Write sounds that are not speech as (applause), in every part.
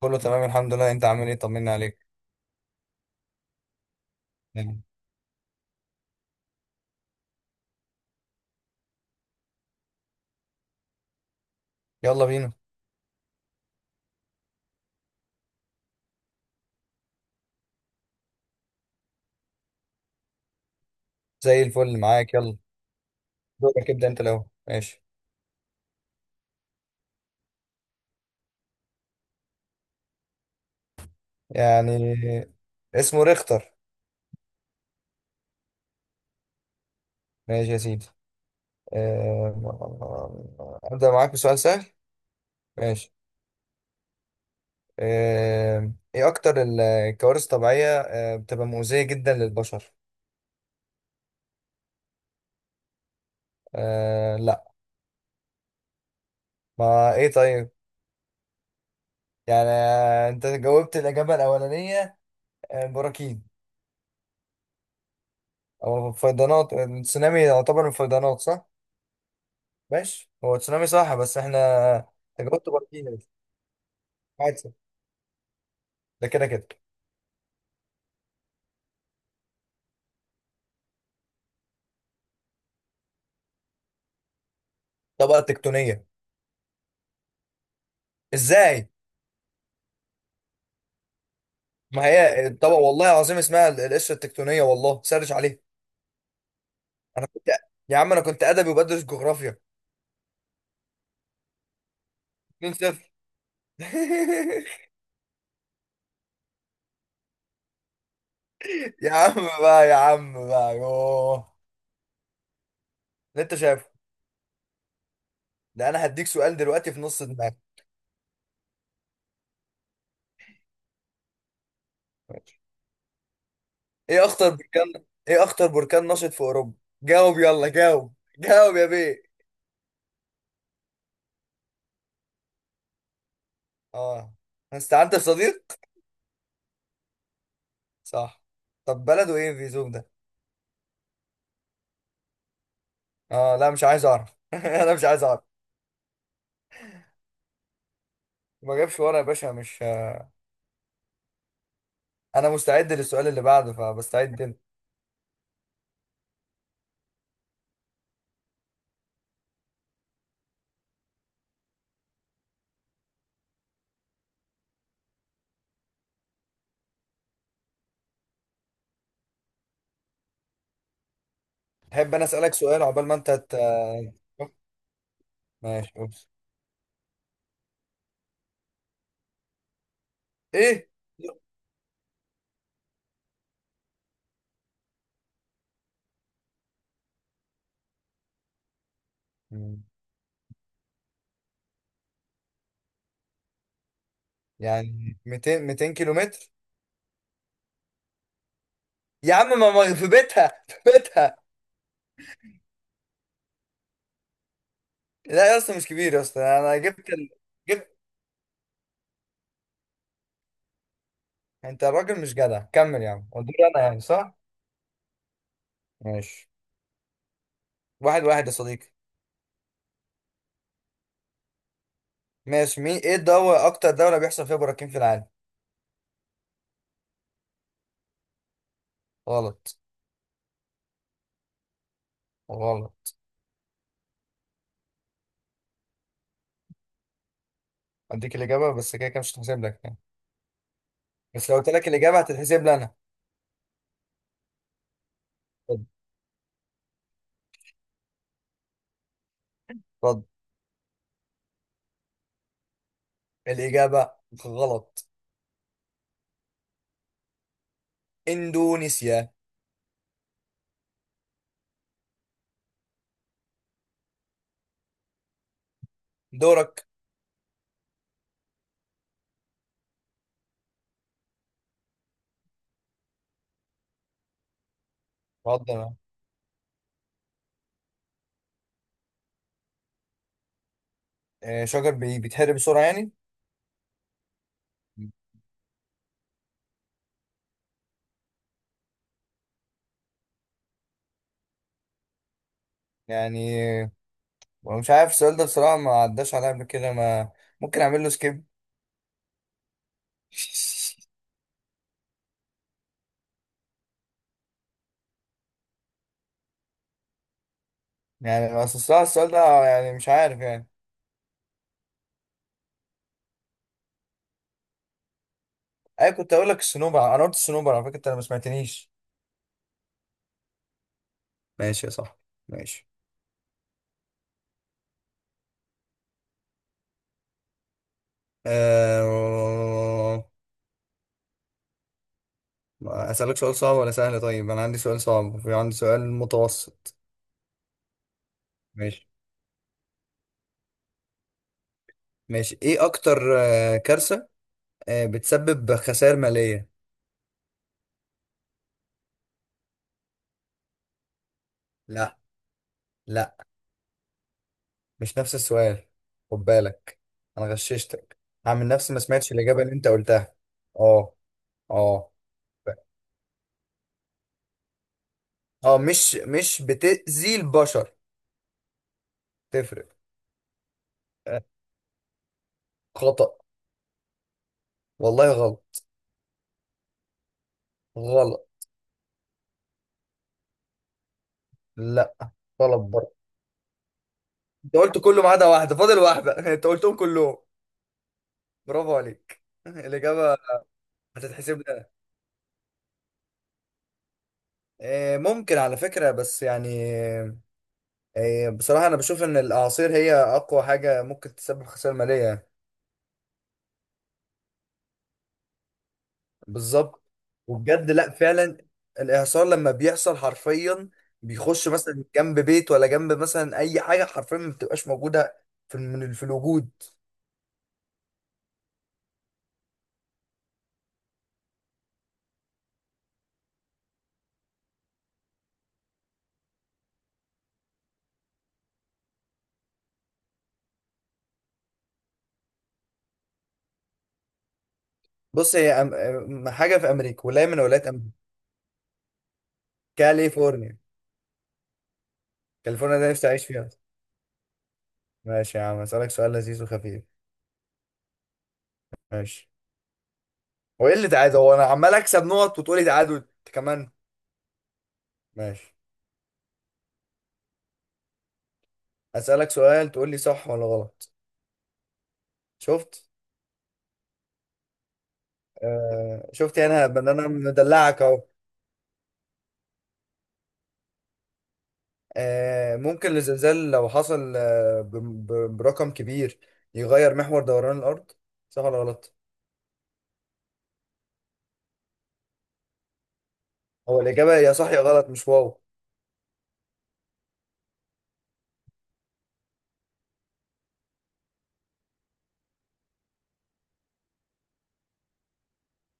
كله تمام الحمد لله، انت عامل ايه؟ طمنا عليك. يعني، يلا بينا. زي الفل، معاك يلا. دورك، ابدا انت الاول. ماشي، يعني اسمه ريختر. ماشي يا سيدي. ابدا معاك بسؤال سهل. ماشي. ايه اكتر الكوارث الطبيعيه بتبقى مؤذيه جدا للبشر؟ لا. ما ايه طيب. يعني انت جاوبت الاجابه الاولانيه. براكين او فيضانات. التسونامي يعتبر من الفيضانات صح. ماشي، هو تسونامي صح بس احنا تجاوزت بركين. عادي. ده كده كده الطبقه التكتونيه. ازاي؟ ما هي الطبقه والله العظيم اسمها القشره التكتونيه، والله سرش عليها. انا كنت. يا عم انا كنت ادبي وبدرس جغرافيا. 2-0. (laughs) يا عم بقى يا عم بقى يوه. اللي انت شايفه. ده انا هديك سؤال دلوقتي في نص دماغك. ماشي. ايه اخطر بركان، ايه اخطر بركان نشط في اوروبا؟ جاوب، يلا جاوب جاوب يا بيه. اه، استعنت بصديق. صح. طب بلده ايه في زوم ده؟ اه لا، مش عايز اعرف. (laughs) انا مش عايز اعرف. ما جابش ورا يا باشا، مش انا مستعد للسؤال اللي بعده، فبستعد انت. تحب انا اسالك سؤال عقبال ما انت ماشي. اوبس. ايه؟ مم. يعني 200 200 كيلو متر. يا عم في بيتها، في بيتها. لا يا اسطى، مش كبير يا اسطى، انا جبت جبت. انت الراجل مش جدع، كمل يا عم قلت. انا يعني صح. ماشي. واحد واحد يا صديقي. ماشي. مين، ايه الدولة اكتر دولة بيحصل فيها براكين في العالم؟ غلط. غلط. اديك الاجابه بس كده كده مش هتحسب لك يعني. بس لو قلت لك الاجابه هتتحسب لي انا. اتفضل. اتفضل. الاجابه. غلط. اندونيسيا. دورك. اتفضل. شجر بيتحرق بسرعه يعني. يعني مش عارف السؤال ده بصراحه، ما عداش عليا قبل كده. ما ممكن اعمل له سكيب. (laughs) يعني بس الصراحه السؤال ده يعني مش عارف يعني. اي كنت اقول لك الصنوبر، انا قلت الصنوبر على فكره انت ما سمعتنيش. ماشي يا صاحبي. ماشي. آه... أسألك سؤال، صعب ولا سهل؟ طيب، أنا عندي سؤال صعب وفي عندي سؤال متوسط. ماشي. ماشي، إيه أكتر كارثة بتسبب خسائر مالية؟ لا. لا، مش نفس السؤال. خد بالك، أنا غششتك. هعمل نفسي ما سمعتش الإجابة اللي أنت قلتها. أه. أه. أه مش بتأذي البشر. تفرق. آه، خطأ. والله غلط. غلط. لا، غلط برضه. أنت قلت كله ما عدا واحدة، فاضل واحدة. (laughs) أنت قلتهم كلهم. برافو عليك. (laughs) الإجابة. هتتحسب لها ممكن على فكرة بس يعني. بصراحة أنا بشوف إن الأعاصير هي أقوى حاجة ممكن تسبب خسائر مالية. بالظبط. وبجد لأ فعلا. الإعصار لما بيحصل حرفيا بيخش مثلا جنب بيت ولا جنب مثلا أي حاجة حرفيا ما بتبقاش موجودة في الوجود. بص هي حاجة في أمريكا، ولاية من ولايات أمريكا. كاليفورنيا. كاليفورنيا ده نفسي أعيش فيها. ماشي يا عم، أسألك سؤال لذيذ وخفيف. ماشي. هو ايه اللي تعادل؟ هو انا عمال اكسب نقط وتقولي تعادل انت كمان. ماشي. هسألك سؤال تقول لي صح ولا غلط. شفت. آه شفت، يعني انا إن انا مدلعك اهو. آه ممكن الزلزال لو حصل آه برقم كبير يغير محور دوران الارض، صح ولا غلط؟ هو الاجابه يا صح يا غلط، مش واو.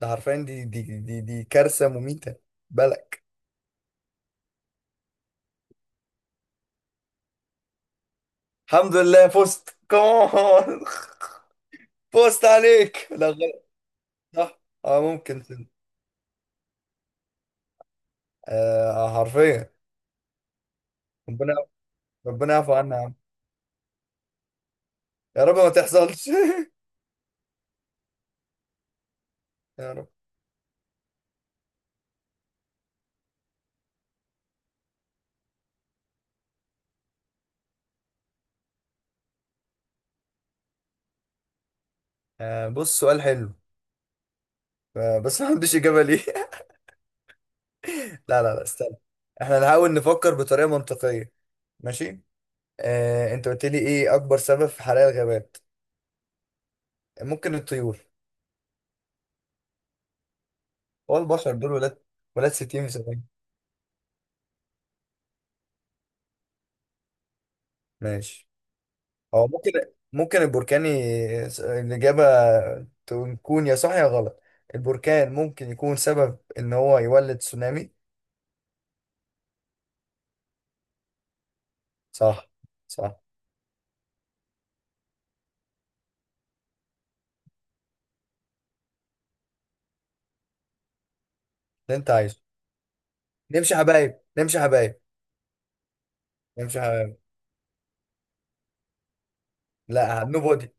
ده عارفين دي كارثه مميته، بالك. الحمد لله فزت كمان. (laughs) فزت عليك، لا غلط. صح. اه ممكن. آه حرفيا. ربنا. ربنا يعفو عنا يا عم. يا رب ما تحصلش. (laughs) يا رب. آه بص سؤال حلو. آه بس ما عنديش إجابة ليه. (laughs) لا، لا، لا، استنى. احنا نحاول نفكر بطريقة منطقية. ماشي. آه، انت قلت لي ايه اكبر سبب في حرائق الغابات؟ ممكن الطيور. هو البشر دول ولاد. ولاد 60 في 70. ماشي. هو ممكن، ممكن البركان الإجابة تكون يا صح يا غلط. البركان ممكن يكون سبب ان هو يولد تسونامي. صح. صح. ده انت عايزه. نمشي حبايب. نمشي حبايب. نمشي حبايب. لا نو.